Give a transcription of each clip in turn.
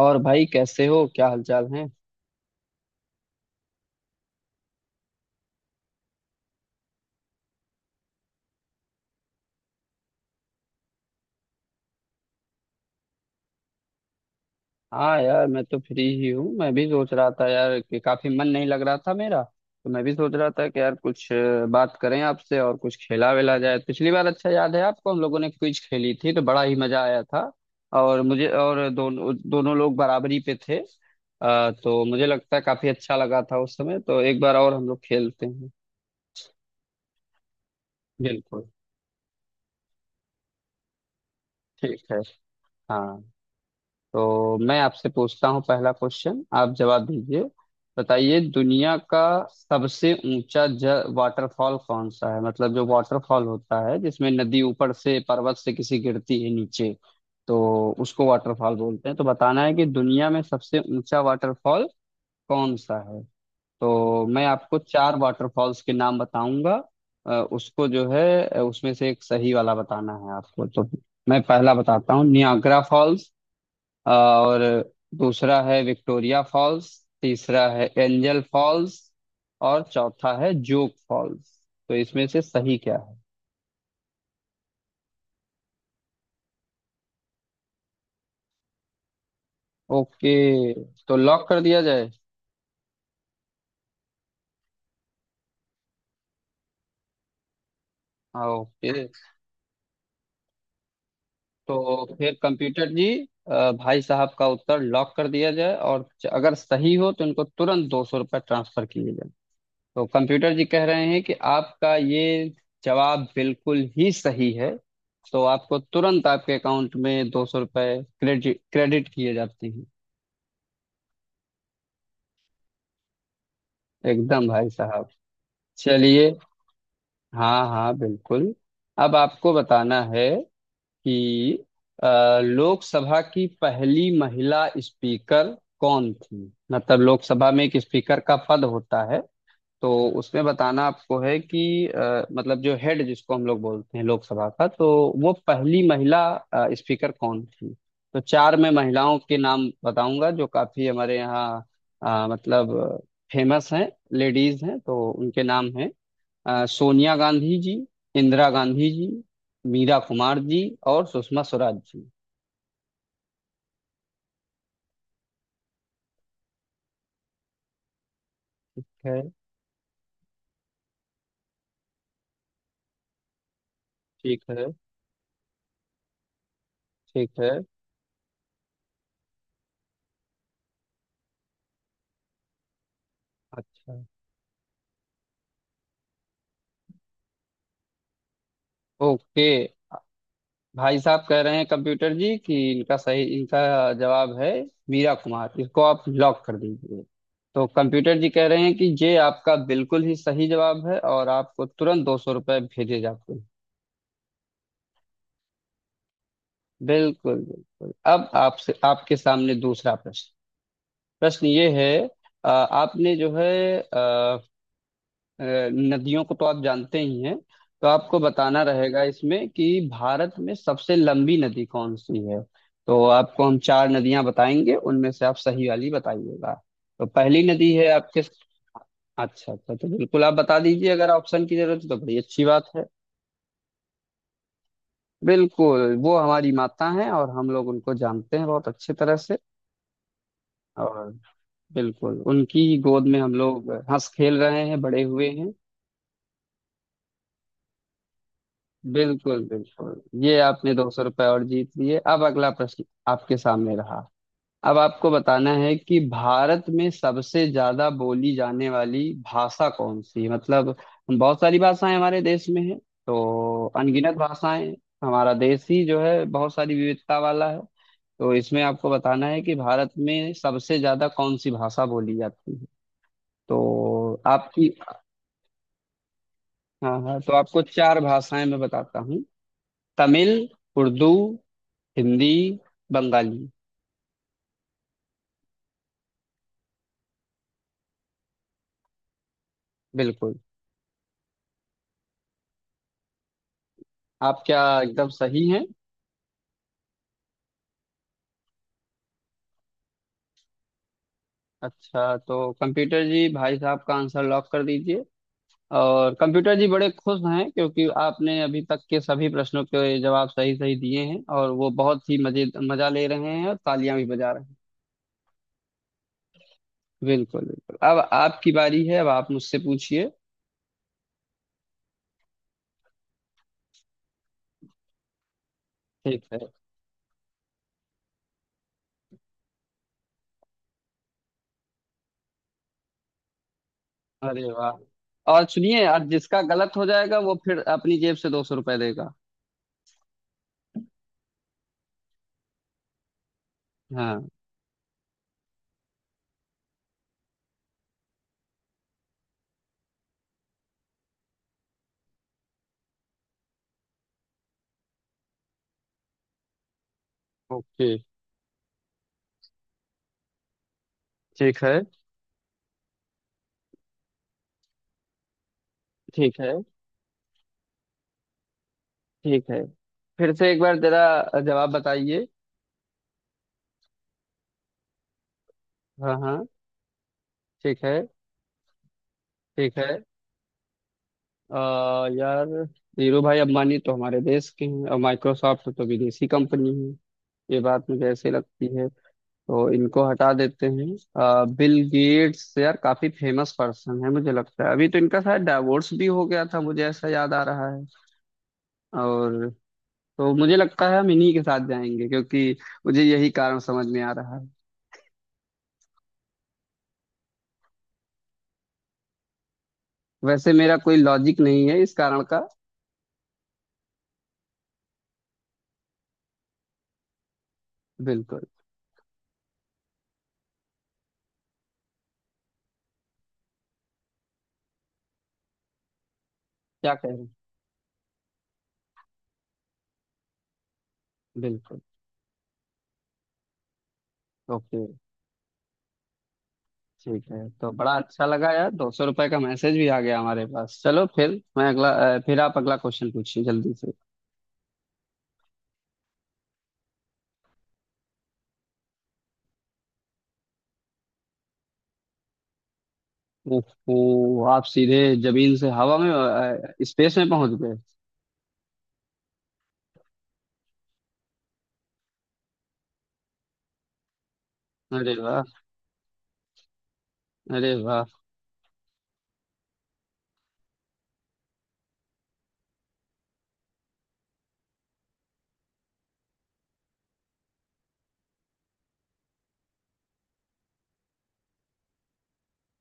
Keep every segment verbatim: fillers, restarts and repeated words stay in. और भाई कैसे हो? क्या हालचाल है? हाँ यार, मैं तो फ्री ही हूँ। मैं भी सोच रहा था यार कि काफी मन नहीं लग रहा था मेरा। तो मैं भी सोच रहा था कि यार कुछ अ, बात करें आपसे और कुछ खेला वेला जाए। पिछली बार अच्छा याद है आपको, हम लोगों ने क्विज खेली थी, तो बड़ा ही मजा आया था। और मुझे और दोनों दोनों लोग बराबरी पे थे। अ, तो मुझे लगता है काफी अच्छा लगा था उस समय, तो एक बार और हम लोग खेलते हैं। बिल्कुल। ठीक है। हाँ, तो मैं आपसे पूछता हूँ, पहला क्वेश्चन, आप जवाब दीजिए। बताइए, दुनिया का सबसे ऊंचा ज वाटरफॉल कौन सा है? मतलब जो वाटरफॉल होता है जिसमें नदी ऊपर से पर्वत से किसी गिरती है नीचे, तो उसको वाटरफॉल बोलते हैं। तो बताना है कि दुनिया में सबसे ऊंचा वाटरफॉल कौन सा है। तो मैं आपको चार वाटरफॉल्स के नाम बताऊंगा। अ, उसको जो है अ, उसमें से एक सही वाला बताना है आपको। तो मैं पहला बताता हूँ, नियाग्रा फॉल्स। और दूसरा है विक्टोरिया फॉल्स। तीसरा है एंजल फॉल्स। और चौथा है जोग फॉल्स। तो इसमें से सही क्या है? ओके, तो लॉक कर दिया जाए। हाँ, ओके। तो फिर कंप्यूटर जी, अ, भाई साहब का उत्तर लॉक कर दिया जाए, और अगर सही हो तो इनको तुरंत दो सौ रुपये ट्रांसफर किए जाए। तो कंप्यूटर जी कह रहे हैं कि आपका ये जवाब बिल्कुल ही सही है, तो आपको तुरंत आपके अकाउंट में दो सौ रुपये क्रेडिट क्रेडिट किए जाते हैं। एकदम भाई साहब। चलिए, हाँ हाँ बिल्कुल। अब आपको बताना है कि अ, लोकसभा की पहली महिला स्पीकर कौन थी? मतलब लोकसभा में एक स्पीकर का पद होता है, तो उसमें बताना आपको है कि अ, मतलब जो हेड जिसको हम लोग बोलते हैं लोकसभा का, तो वो पहली महिला अ, स्पीकर कौन थी। तो चार मैं महिलाओं के नाम बताऊंगा जो काफी हमारे यहाँ अ, मतलब फेमस हैं, लेडीज हैं। तो उनके नाम हैं अ, सोनिया गांधी जी, इंदिरा गांधी जी, मीरा कुमार जी और सुषमा स्वराज जी। ठीक है। ठीक है। ठीक है। अच्छा। ओके, भाई साहब कह रहे हैं कंप्यूटर जी कि इनका सही, इनका जवाब है मीरा कुमार, इसको आप लॉक कर दीजिए। तो कंप्यूटर जी कह रहे हैं कि ये आपका बिल्कुल ही सही जवाब है, और आपको तुरंत दो सौ रुपये भेजे जाते हैं। बिल्कुल बिल्कुल। अब आपसे, आपके सामने दूसरा प्रश्न। प्रश्न ये है, अ, आपने जो है अ, नदियों को तो आप जानते ही हैं, तो आपको बताना रहेगा इसमें कि भारत में सबसे लंबी नदी कौन सी है। तो आपको हम चार नदियां बताएंगे, उनमें से आप सही वाली बताइएगा। तो पहली नदी है आपके। अच्छा अच्छा, तो बिल्कुल आप बता दीजिए, अगर ऑप्शन की जरूरत है तो बड़ी अच्छी बात है। बिल्कुल, वो हमारी माता हैं और हम लोग उनको जानते हैं बहुत अच्छे तरह से। और बिल्कुल उनकी ही गोद में हम लोग हंस खेल रहे हैं, बड़े हुए हैं। बिल्कुल बिल्कुल, ये आपने दो सौ रुपये और जीत लिए। अब अगला प्रश्न आपके सामने रहा। अब आपको बताना है कि भारत में सबसे ज्यादा बोली जाने वाली भाषा कौन सी है? मतलब बहुत सारी भाषाएं हमारे देश में हैं, तो अनगिनत भाषाएं हैं। हमारा देश ही जो है बहुत सारी विविधता वाला है। तो इसमें आपको बताना है कि भारत में सबसे ज्यादा कौन सी भाषा बोली जाती है। तो आपकी, हाँ हाँ, तो आपको चार भाषाएं मैं बताता हूँ। तमिल, उर्दू, हिंदी, बंगाली। बिल्कुल, आप क्या एकदम सही हैं। अच्छा, तो कंप्यूटर जी, भाई साहब का आंसर लॉक कर दीजिए। और कंप्यूटर जी बड़े खुश हैं क्योंकि आपने अभी तक के सभी प्रश्नों के जवाब सही सही दिए हैं, और वो बहुत ही मजे मजा ले रहे हैं और तालियां भी बजा रहे हैं। बिल्कुल बिल्कुल, अब आपकी बारी है, अब आप मुझसे पूछिए। ठीक है। अरे वाह। और सुनिए, आज जिसका गलत हो जाएगा वो फिर अपनी जेब से दो सौ रुपये देगा। हाँ। ओके। ठीक है। ठीक है। ठीक है, फिर से एक बार जरा जवाब बताइए। हाँ हाँ। ठीक है। ठीक है। आ, यार, धीरू भाई अंबानी तो हमारे देश के हैं और माइक्रोसॉफ्ट तो विदेशी कंपनी है, ये बात मुझे ऐसे लगती है, तो इनको हटा देते हैं। आ, बिल गेट्स यार काफी फेमस पर्सन है, मुझे लगता है अभी तो इनका शायद डाइवोर्स भी हो गया था, मुझे ऐसा याद आ रहा है। और तो मुझे लगता है हम इन्हीं के साथ जाएंगे, क्योंकि मुझे यही कारण समझ में आ रहा है। वैसे मेरा कोई लॉजिक नहीं है इस कारण का। बिल्कुल। क्या कहें। बिल्कुल। ओके। ठीक है, तो बड़ा अच्छा लगा यार, दो सौ रुपए का मैसेज भी आ गया हमारे पास। चलो फिर मैं अगला, अ, फिर आप अगला क्वेश्चन पूछिए जल्दी से। ओहो, आप सीधे जमीन से हवा में अ, स्पेस में पहुंच गए। अरे वाह। अरे वाह।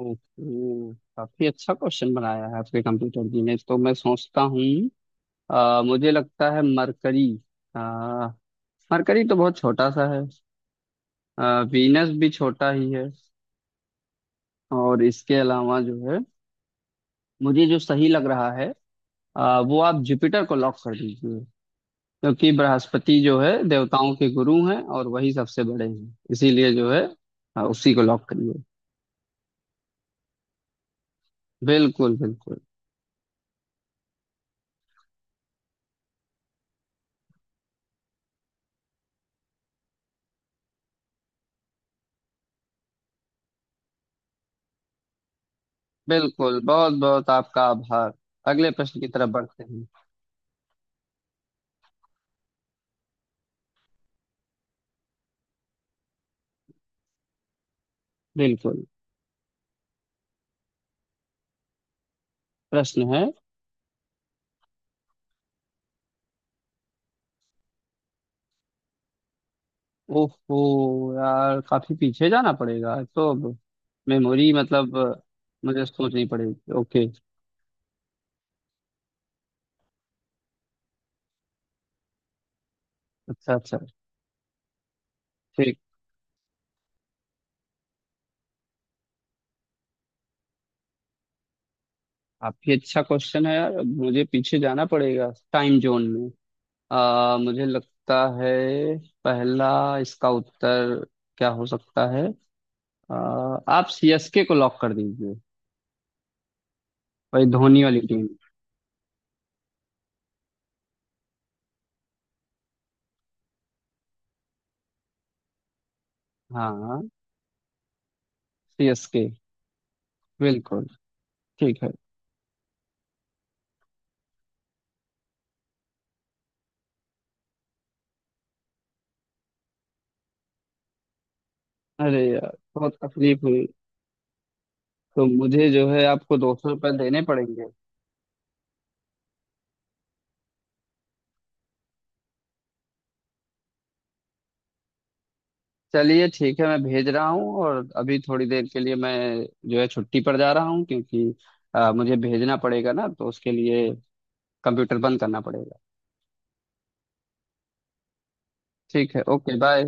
ओहो, काफी अच्छा क्वेश्चन बनाया है आपके कंप्यूटर जी ने। तो मैं सोचता हूँ, अ, मुझे लगता है मरकरी, अ, मरकरी तो बहुत छोटा सा है, अ, वीनस भी छोटा ही है। और इसके अलावा जो है, मुझे जो सही लग रहा है, आ, वो आप जुपिटर को लॉक कर दीजिए, क्योंकि बृहस्पति जो है देवताओं के गुरु हैं और वही सबसे बड़े हैं। इसीलिए जो है, आ, उसी को लॉक करिए। बिल्कुल बिल्कुल। बिल्कुल बहुत बहुत आपका आभार। अगले प्रश्न की तरफ बढ़ते हैं। बिल्कुल। प्रश्न है। ओहो यार, काफी पीछे जाना पड़ेगा, तो अब मेमोरी मतलब अ, मुझे सोचनी पड़ेगी। ओके। अच्छा अच्छा। ठीक। काफी अच्छा क्वेश्चन है यार, मुझे पीछे जाना पड़ेगा टाइम जोन में। आ, मुझे लगता है, पहला, इसका उत्तर क्या हो सकता है, आ, आप सीएसके को लॉक कर दीजिए, वही धोनी वाली टीम। हाँ। सीएसके। बिल्कुल। ठीक है। अरे यार, बहुत तकलीफ हुई, तो मुझे जो है आपको दो सौ रुपये देने पड़ेंगे। चलिए ठीक है, मैं भेज रहा हूँ, और अभी थोड़ी देर के लिए मैं जो है छुट्टी पर जा रहा हूँ क्योंकि आ, मुझे भेजना पड़ेगा ना, तो उसके लिए कंप्यूटर बंद करना पड़ेगा। ठीक है, ओके बाय।